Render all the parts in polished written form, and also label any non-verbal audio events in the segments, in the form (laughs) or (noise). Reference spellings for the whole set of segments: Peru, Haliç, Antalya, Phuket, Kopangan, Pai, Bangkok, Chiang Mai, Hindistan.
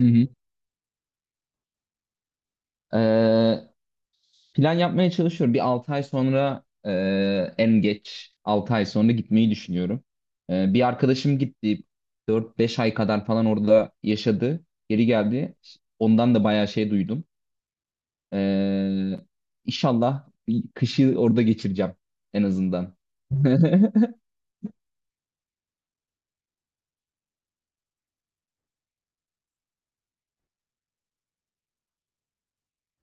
Hı hı. Ee, plan yapmaya çalışıyorum. Bir 6 ay sonra en geç 6 ay sonra gitmeyi düşünüyorum. Bir arkadaşım gitti. 4-5 ay kadar falan orada yaşadı. Geri geldi. Ondan da bayağı şey duydum. Ee, inşallah bir kışı orada geçireceğim en azından. (laughs)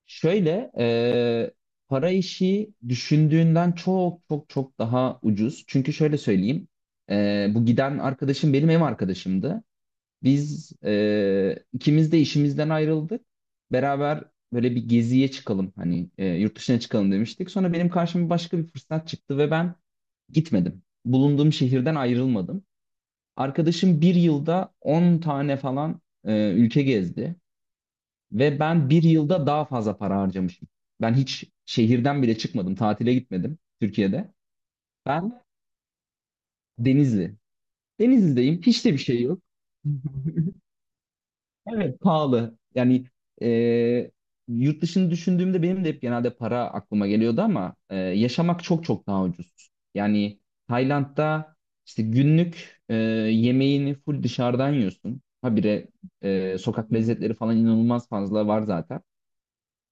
Şöyle para işi düşündüğünden çok çok çok daha ucuz. Çünkü şöyle söyleyeyim. Bu giden arkadaşım benim ev arkadaşımdı. Biz ikimiz de işimizden ayrıldık. Beraber böyle bir geziye çıkalım hani yurt dışına çıkalım demiştik. Sonra benim karşıma başka bir fırsat çıktı ve ben gitmedim. Bulunduğum şehirden ayrılmadım. Arkadaşım bir yılda 10 tane falan ülke gezdi. Ve ben bir yılda daha fazla para harcamışım. Ben hiç şehirden bile çıkmadım. Tatile gitmedim Türkiye'de. Ben Denizli. Denizli'deyim. Hiç de bir şey yok. Evet, pahalı. Yani e, yurt dışını düşündüğümde benim de hep genelde para aklıma geliyordu ama yaşamak çok çok daha ucuz. Yani Tayland'da işte günlük yemeğini full dışarıdan yiyorsun. Habire sokak lezzetleri falan inanılmaz fazla var zaten.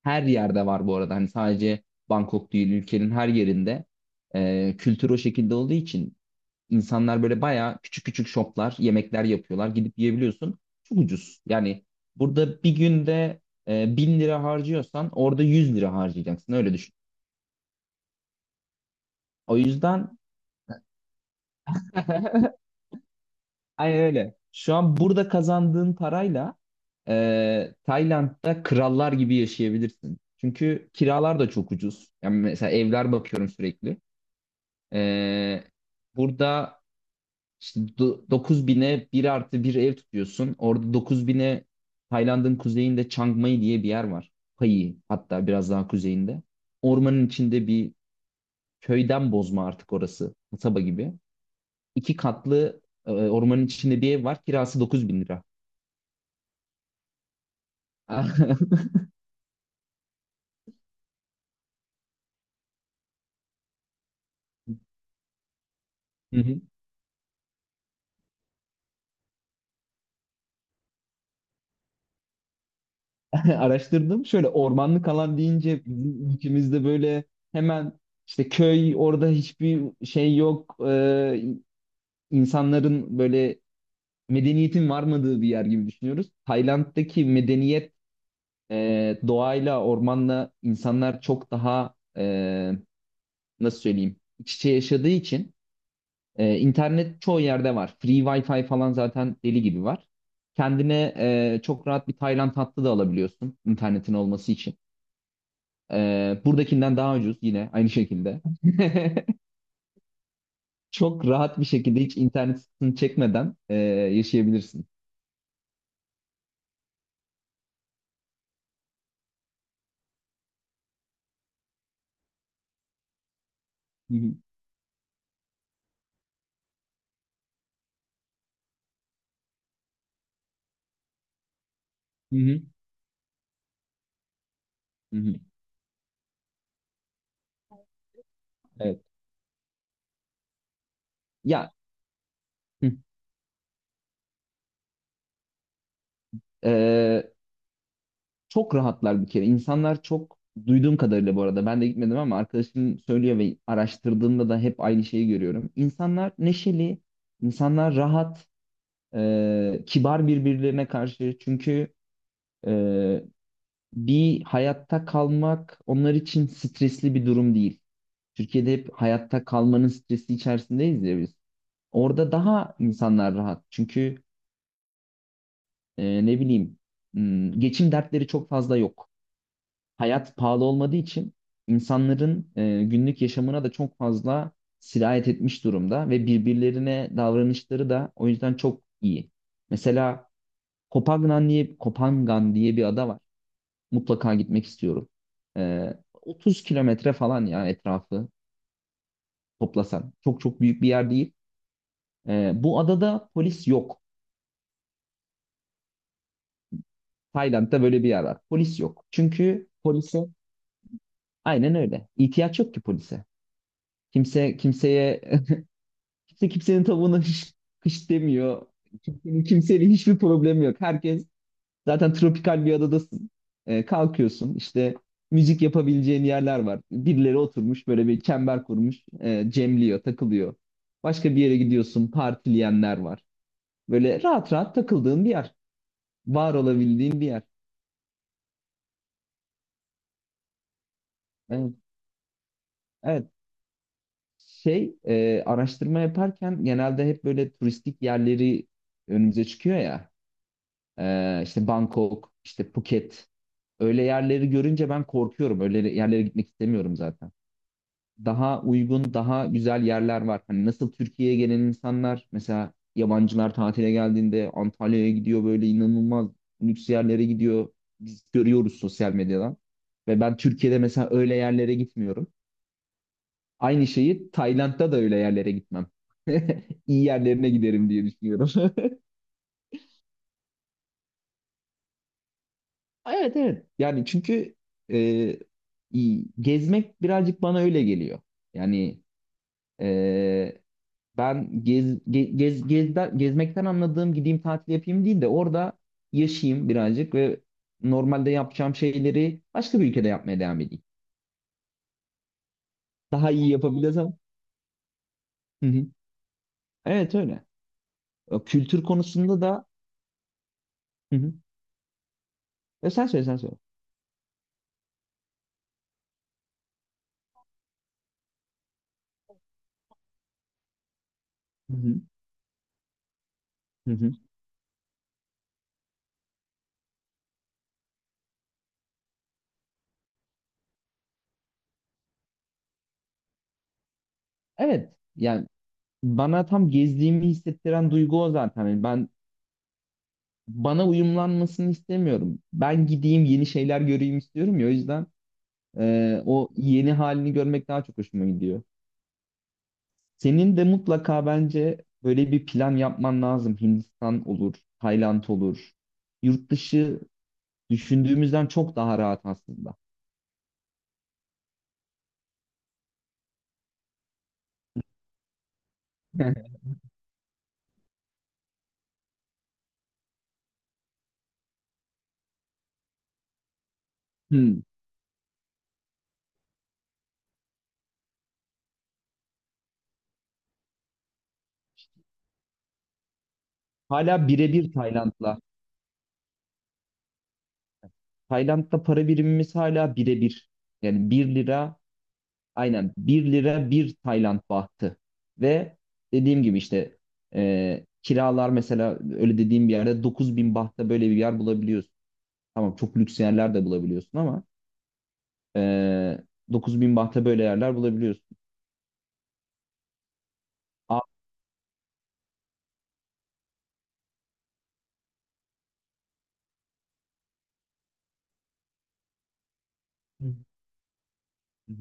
Her yerde var bu arada. Hani sadece Bangkok değil, ülkenin her yerinde kültür o şekilde olduğu için İnsanlar böyle bayağı küçük küçük şoplar, yemekler yapıyorlar. Gidip yiyebiliyorsun. Çok ucuz. Yani burada bir günde 1000 lira harcıyorsan orada 100 lira harcayacaksın. Öyle düşün. O yüzden (laughs) aynen öyle. Şu an burada kazandığın parayla Tayland'da krallar gibi yaşayabilirsin. Çünkü kiralar da çok ucuz. Yani mesela evler bakıyorum sürekli. E, burada İşte 9000'e bir artı bir ev tutuyorsun. Orada 9000'e, Tayland'ın kuzeyinde Chiang Mai diye bir yer var. Pai hatta biraz daha kuzeyinde. Ormanın içinde bir köyden bozma artık orası. Kasaba gibi. İki katlı ormanın içinde bir ev var. Kirası 9000 lira. (laughs) Hı hı. (laughs) Araştırdım. Şöyle ormanlık alan deyince bizim ülkemizde böyle hemen işte köy, orada hiçbir şey yok. İnsanların böyle medeniyetin varmadığı bir yer gibi düşünüyoruz. Tayland'daki medeniyet doğayla, ormanla insanlar çok daha nasıl söyleyeyim, iç içe yaşadığı için internet çoğu yerde var. Free Wi-Fi falan zaten deli gibi var. Kendine çok rahat bir Tayland hattı da alabiliyorsun internetin olması için. Buradakinden daha ucuz yine aynı şekilde. (laughs) Çok rahat bir şekilde, hiç internet sıkıntısını çekmeden yaşayabilirsin. Hı hı. Hı hı. Hı hı. Evet. Ya, Ee, çok rahatlar bir kere. İnsanlar çok, duyduğum kadarıyla bu arada ben de gitmedim ama arkadaşım söylüyor ve araştırdığımda da hep aynı şeyi görüyorum. İnsanlar neşeli, insanlar rahat, kibar birbirlerine karşı. Çünkü e, bir hayatta kalmak onlar için stresli bir durum değil. Türkiye'de hep hayatta kalmanın stresi içerisindeyiz ya biz. Orada daha insanlar rahat. Çünkü ne bileyim, geçim dertleri çok fazla yok. Hayat pahalı olmadığı için insanların günlük yaşamına da çok fazla sirayet etmiş durumda ve birbirlerine davranışları da o yüzden çok iyi. Mesela Kopangan diye bir ada var. Mutlaka gitmek istiyorum. E, 30 kilometre falan ya etrafı toplasan. Çok çok büyük bir yer değil. Bu adada polis yok. Tayland'da böyle bir yer var. Polis yok. Çünkü polise, aynen öyle, İhtiyaç yok ki polise. Kimse kimseye Kimse kimsenin tavuğuna hiç kış demiyor. Kimsenin kimseyle hiçbir problemi yok. Herkes, zaten tropikal bir adadasın. Kalkıyorsun işte, müzik yapabileceğin yerler var. Birileri oturmuş böyle bir çember kurmuş. Cemliyor, takılıyor. Başka bir yere gidiyorsun, partileyenler var. Böyle rahat rahat takıldığın bir yer. Var olabildiğin bir yer. Evet. Evet. Araştırma yaparken genelde hep böyle turistik yerleri önümüze çıkıyor ya. İşte Bangkok, işte Phuket. Öyle yerleri görünce ben korkuyorum. Öyle yerlere gitmek istemiyorum zaten. Daha uygun, daha güzel yerler var. Hani nasıl Türkiye'ye gelen insanlar, mesela yabancılar tatile geldiğinde Antalya'ya gidiyor, böyle inanılmaz lüks yerlere gidiyor. Biz görüyoruz sosyal medyadan. Ve ben Türkiye'de mesela öyle yerlere gitmiyorum. Aynı şeyi Tayland'da da öyle yerlere gitmem. (laughs) İyi yerlerine giderim diye düşünüyorum. (laughs) Evet, evet. Yani çünkü e, gezmek birazcık bana öyle geliyor. Yani Ee, ben gezmekten anladığım gideyim tatil yapayım değil de orada yaşayayım birazcık ve normalde yapacağım şeyleri başka bir ülkede yapmaya devam edeyim. Daha iyi yapabilirsem. Hı hı. Evet öyle. O kültür konusunda da hı hı. Sen söyle, sen söyle. Hı hı. Hı hı. Evet yani bana tam gezdiğimi hissettiren duygu o zaten. Yani ben bana uyumlanmasını istemiyorum. Ben gideyim, yeni şeyler göreyim istiyorum ya. O yüzden o yeni halini görmek daha çok hoşuma gidiyor. Senin de mutlaka bence böyle bir plan yapman lazım. Hindistan olur, Tayland olur. Yurt dışı düşündüğümüzden çok daha rahat aslında. (laughs) Hmm. Hala birebir Tayland'la. Tayland'da para birimimiz hala birebir. Yani bir lira, aynen bir lira bir Tayland bahtı. Ve dediğim gibi işte kiralar, mesela öyle dediğim bir yerde 9000 bahta böyle bir yer bulabiliyorsun. Tamam, çok lüks yerler de bulabiliyorsun, ama e, 9000 bahte böyle yerler bulabiliyorsun. A- Hı hı.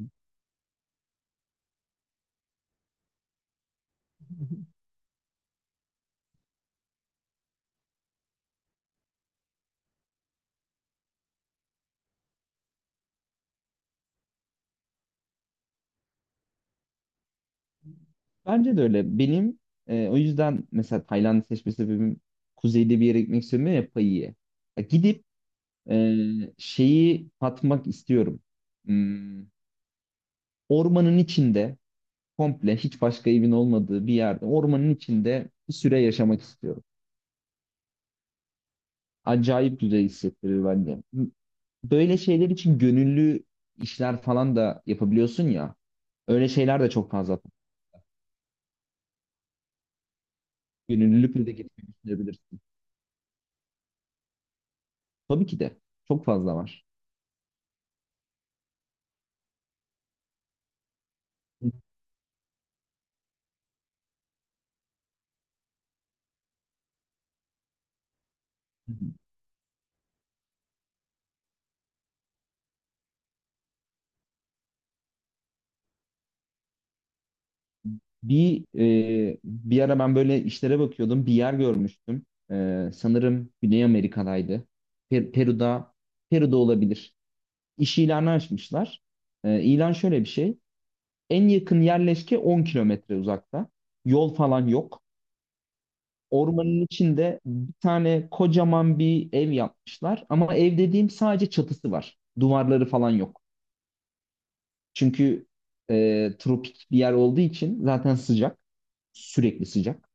Bence de öyle. Benim o yüzden mesela Tayland'ı seçme sebebim, kuzeyde bir yere gitmek istiyorum ya, Pai'ye. Ya gidip e, şeyi tatmak istiyorum. Hmm, ormanın içinde, komple hiç başka evin olmadığı bir yerde, ormanın içinde bir süre yaşamak istiyorum. Acayip güzel hissettirir bence. Böyle şeyler için gönüllü işler falan da yapabiliyorsun ya. Öyle şeyler de çok fazla. Gönüllülükle de gitmeyi düşünebilirsin. Tabii ki de. Çok fazla var. Bir bir ara ben böyle işlere bakıyordum. Bir yer görmüştüm. Sanırım Güney Amerika'daydı. Per- Peru'da Peru'da olabilir. İş ilanı açmışlar. E, ilan şöyle bir şey. En yakın yerleşke 10 kilometre uzakta. Yol falan yok. Ormanın içinde bir tane kocaman bir ev yapmışlar. Ama ev dediğim, sadece çatısı var. Duvarları falan yok. Çünkü tropik bir yer olduğu için zaten sıcak. Sürekli sıcak.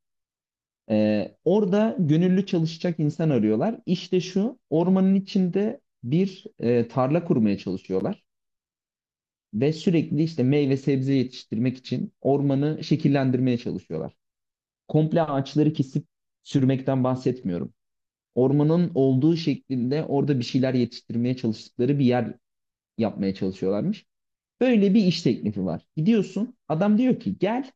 Orada gönüllü çalışacak insan arıyorlar. İşte şu ormanın içinde bir tarla kurmaya çalışıyorlar. Ve sürekli işte meyve sebze yetiştirmek için ormanı şekillendirmeye çalışıyorlar. Komple ağaçları kesip sürmekten bahsetmiyorum. Ormanın olduğu şeklinde orada bir şeyler yetiştirmeye çalıştıkları bir yer yapmaya çalışıyorlarmış. Böyle bir iş teklifi var. Gidiyorsun, adam diyor ki gel,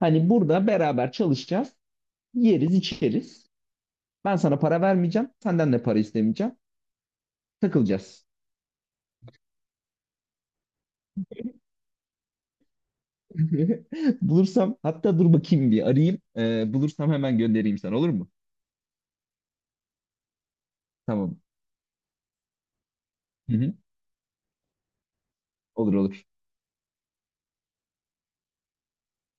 hani burada beraber çalışacağız, yeriz içeriz. Ben sana para vermeyeceğim, senden de para istemeyeceğim. Takılacağız. (laughs) Bulursam, hatta dur bakayım bir arayayım. Bulursam hemen göndereyim sana, olur mu? Tamam. Hı hı. Olur, olur.